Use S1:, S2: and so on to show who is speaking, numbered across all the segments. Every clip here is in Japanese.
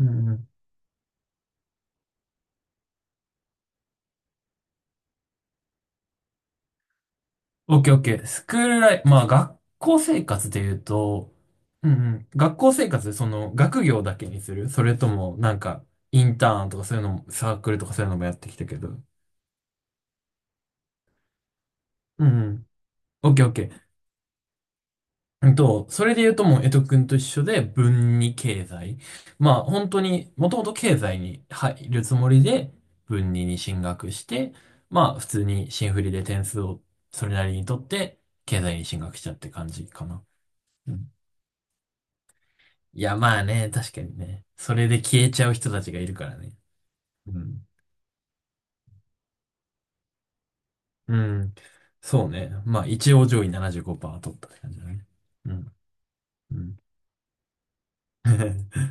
S1: うんうん。オッケーオッケー。スクールライフ、まあ学校生活で言うと。うんうん。学校生活でその学業だけにする？それともなんかインターンとかそういうのも、サークルとかそういうのもやってきたけど。うんうん。オッケーオッケー。それで言うと、もう江戸くんと一緒で文に経済。まあ本当にもともと経済に入るつもりで文に進学して、まあ普通に新振りで点数をそれなりに取って経済に進学したって感じかな。いや、まあね、確かにね。それで消えちゃう人たちがいるからね。うん。うん。そうね。まあ、一応上位75%取ったって感じだね。うん。うん。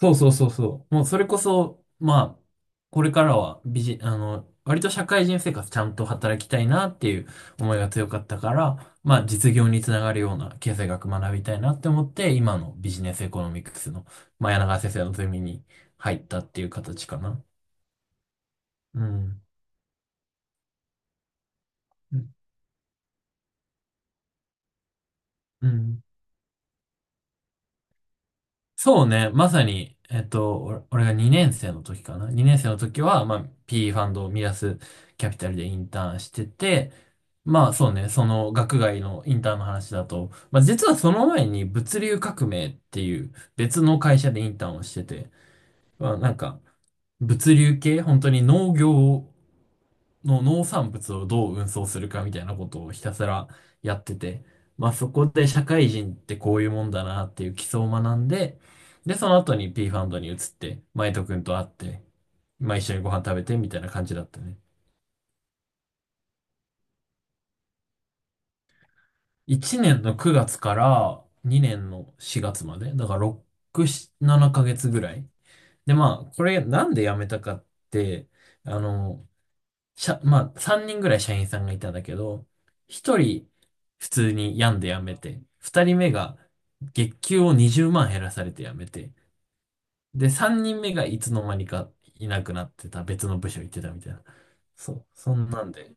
S1: そうそうそうそう。もうそれこそ、まあ、これからはビジ、あの、割と社会人生活ちゃんと働きたいなっていう思いが強かったから、まあ実業につながるような経済学学びたいなって思って、今のビジネスエコノミクスの、まあ、柳川先生のゼミに入ったっていう形かな。うん。うん。うん。そうね、まさに、俺が2年生の時かな。2年生の時は、まあ、P ファンドをミラスキャピタルでインターンしてて、まあそうね、その学外のインターンの話だと、まあ実はその前に物流革命っていう別の会社でインターンをしてて、まあなんか物流系、本当に農業の農産物をどう運送するかみたいなことをひたすらやってて、まあそこで社会人ってこういうもんだなっていう基礎を学んで、で、その後に P ファンドに移って、マイト君と会って、まあ一緒にご飯食べてみたいな感じだったね。1年の9月から2年の4月まで、だから6、7ヶ月ぐらい。で、まあこれなんで辞めたかって、あの、まあ、3人ぐらい社員さんがいたんだけど、1人普通に病んで辞めて、2人目が月給を20万減らされて辞めて、で、3人目がいつの間にかいなくなってた、別の部署行ってたみたいな。そう、そんなんで、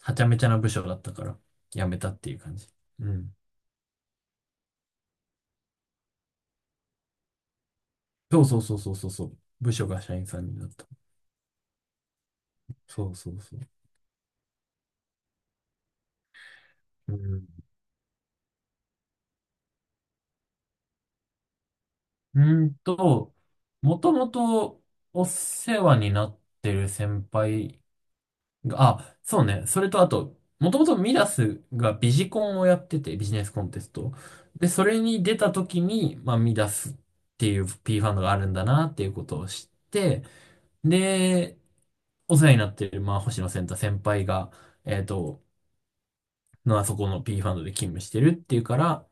S1: はちゃめちゃな部署だったから辞めたっていう感じ。うん。そうそうそうそうそうそう。部署が社員さんになった。そうそうそう。うん。うーんと、もともとお世話になってる先輩。あ、そうね。それとあと、もともとミダスがビジコンをやってて、ビジネスコンテスト。で、それに出た時に、まあ、ミダスっていう P ファンドがあるんだなっていうことを知って、で、お世話になってる、まあ、星野仙太先輩が、えっと、あそこの P ファンドで勤務してるっていうから、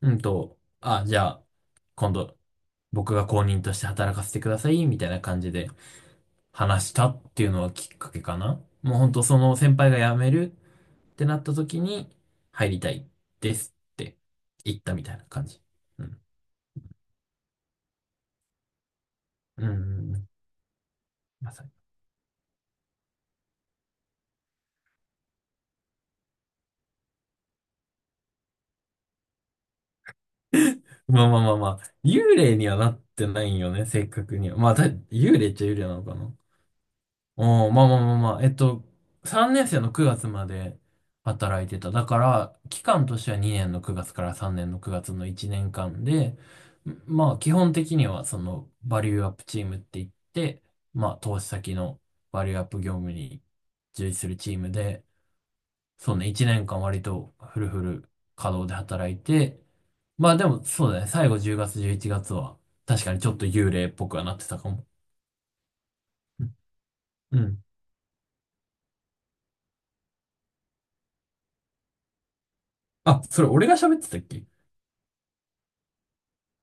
S1: あ、じゃあ、今度、僕が公認として働かせてください、みたいな感じで話したっていうのはきっかけかな。もう本当その先輩が辞めるってなった時に、入りたいですって言ったみたいな感じ。うん。うんうん。まさに。まあまあまあまあ、幽霊にはなってないよね、正確には。まあ、幽霊っちゃ幽霊なのかな。おー、まあまあまあまあ、3年生の9月まで働いてた。だから、期間としては2年の9月から3年の9月の1年間で、まあ、基本的には、その、バリューアップチームって言って、まあ、投資先のバリューアップ業務に従事するチームで、そうね、1年間割とフルフル稼働で働いて、まあでもそうだね、最後10月、11月は確かにちょっと幽霊っぽくはなってたかも。うんうん。あ、それ俺が喋ってたっけ？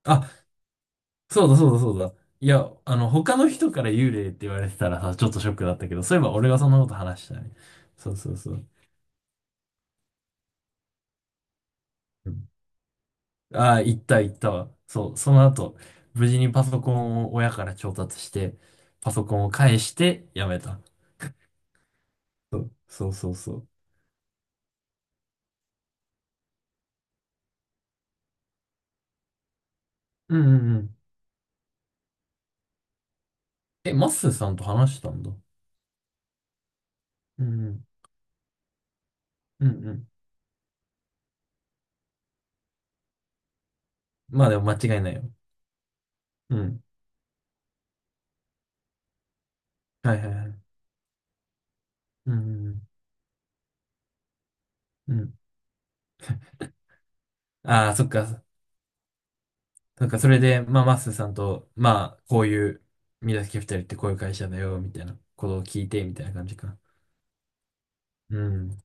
S1: あ、そうだそうだそうだ。いや、他の人から幽霊って言われてたらさ、ちょっとショックだったけど、そういえば俺がそんなこと話したね。そうそうそう。ああー、行った行ったわ。そう、その後、無事にパソコンを親から調達して、パソコンを返してやめた。そうそうそうそう。うんうん。え、マッスーさんと話したんだ。うん。うんうん。まあでも間違いないよ。うん。はいはいはい。うん。うん。ああ、そっか。そっか、それで、まあ、マッスーさんと、まあ、こういう、宮崎キャピタルってこういう会社だよ、みたいなことを聞いて、みたいな感じか。うん。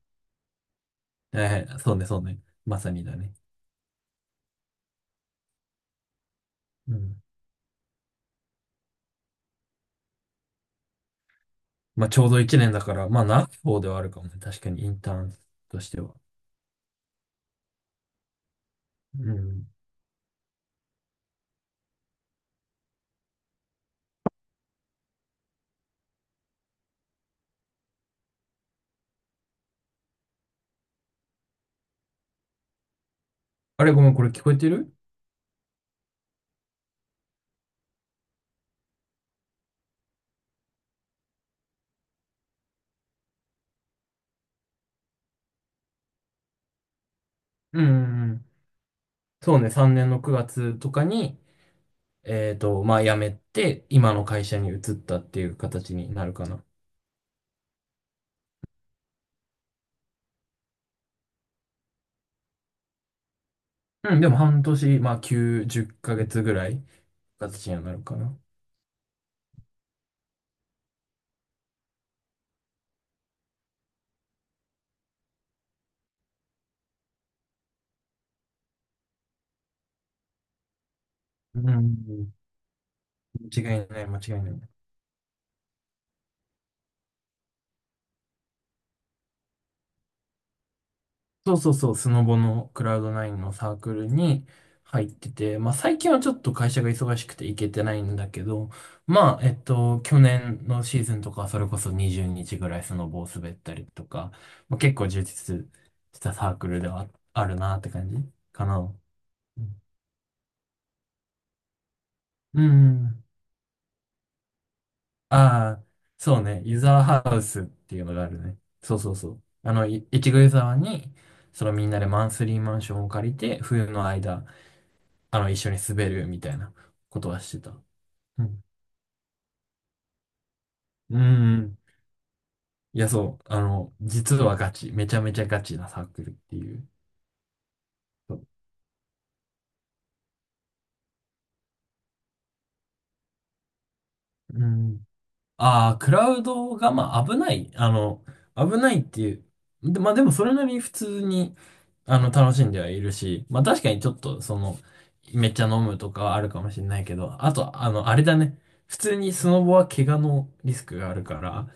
S1: はいはい。そうね、そうね。まさにだね。うん。まあ、ちょうど一年だから、まあ、長い方ではあるかもね。確かに、インターンとしては。うん。あれ、ごめん、これ聞こえてる？うんうんうん。そうね、3年の9月とかに、まあ辞めて、今の会社に移ったっていう形になるかな。うん、でも半年、まあ9、10ヶ月ぐらい、形にはなるかな。うん、間違いない、間違いない。そうそうそう、スノボのクラウドナインのサークルに入ってて、まあ最近はちょっと会社が忙しくて行けてないんだけど、まあ、去年のシーズンとかはそれこそ20日ぐらいスノボを滑ったりとか、まあ、結構充実したサークルではああるなって感じかな。うん。ああ、そうね。湯沢ハウスっていうのがあるね。そうそうそう。越後湯沢に、そのみんなでマンスリーマンションを借りて、冬の間、一緒に滑るみたいなことはしてた。うん。うんうん。いや、そう。実はガチ。めちゃめちゃガチなサークルっていう。そう。うん。ああ、クラウドが、まあ、危ない。危ないっていう。で、まあ、でもそれなりに普通に、楽しんではいるし、まあ確かにちょっと、めっちゃ飲むとかはあるかもしれないけど、あと、あれだね。普通にスノボは怪我のリスクがあるから、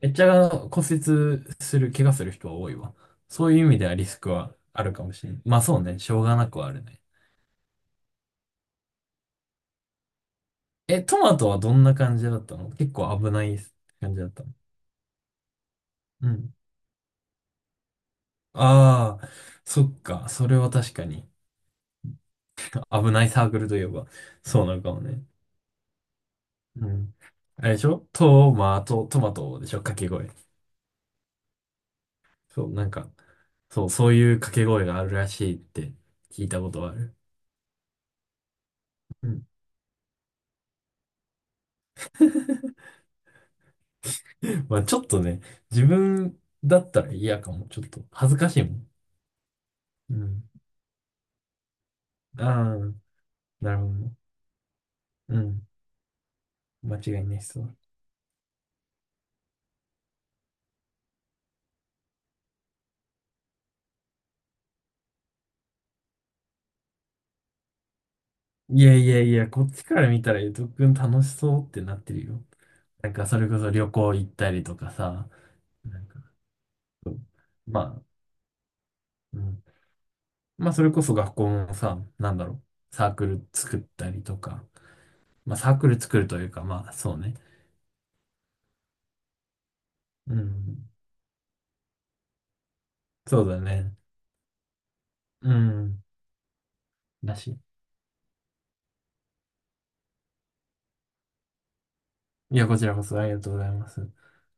S1: めっちゃ骨折する、怪我する人は多いわ。そういう意味ではリスクはあるかもしれない。まあそうね、しょうがなくはあるね。え、トマトはどんな感じだったの？結構危ない感じだったの？うん。ああ、そっか、それは確かに。危ないサークルといえば、そうなのかもね。うん。あれでしょ？トマト。トマトでしょ、掛け声。そう、なんか、そう、そういう掛け声があるらしいって聞いたことはある。うん。まあちょっとね、自分だったら嫌かも。ちょっと恥ずかしいもん。うん。ああ、なるほどね。うん。間違いない。そう。いやいやいや、こっちから見たらゆとくん楽しそうってなってるよ。なんかそれこそ旅行行ったりとかさ、なんか、そう。まあ、うん。まあ、それこそ学校もさ、なんだろう、サークル作ったりとか、まあ、サークル作るというか、まあ、そうね。うん。そうだね。うん。だし。いや、こちらこそありがとうございます。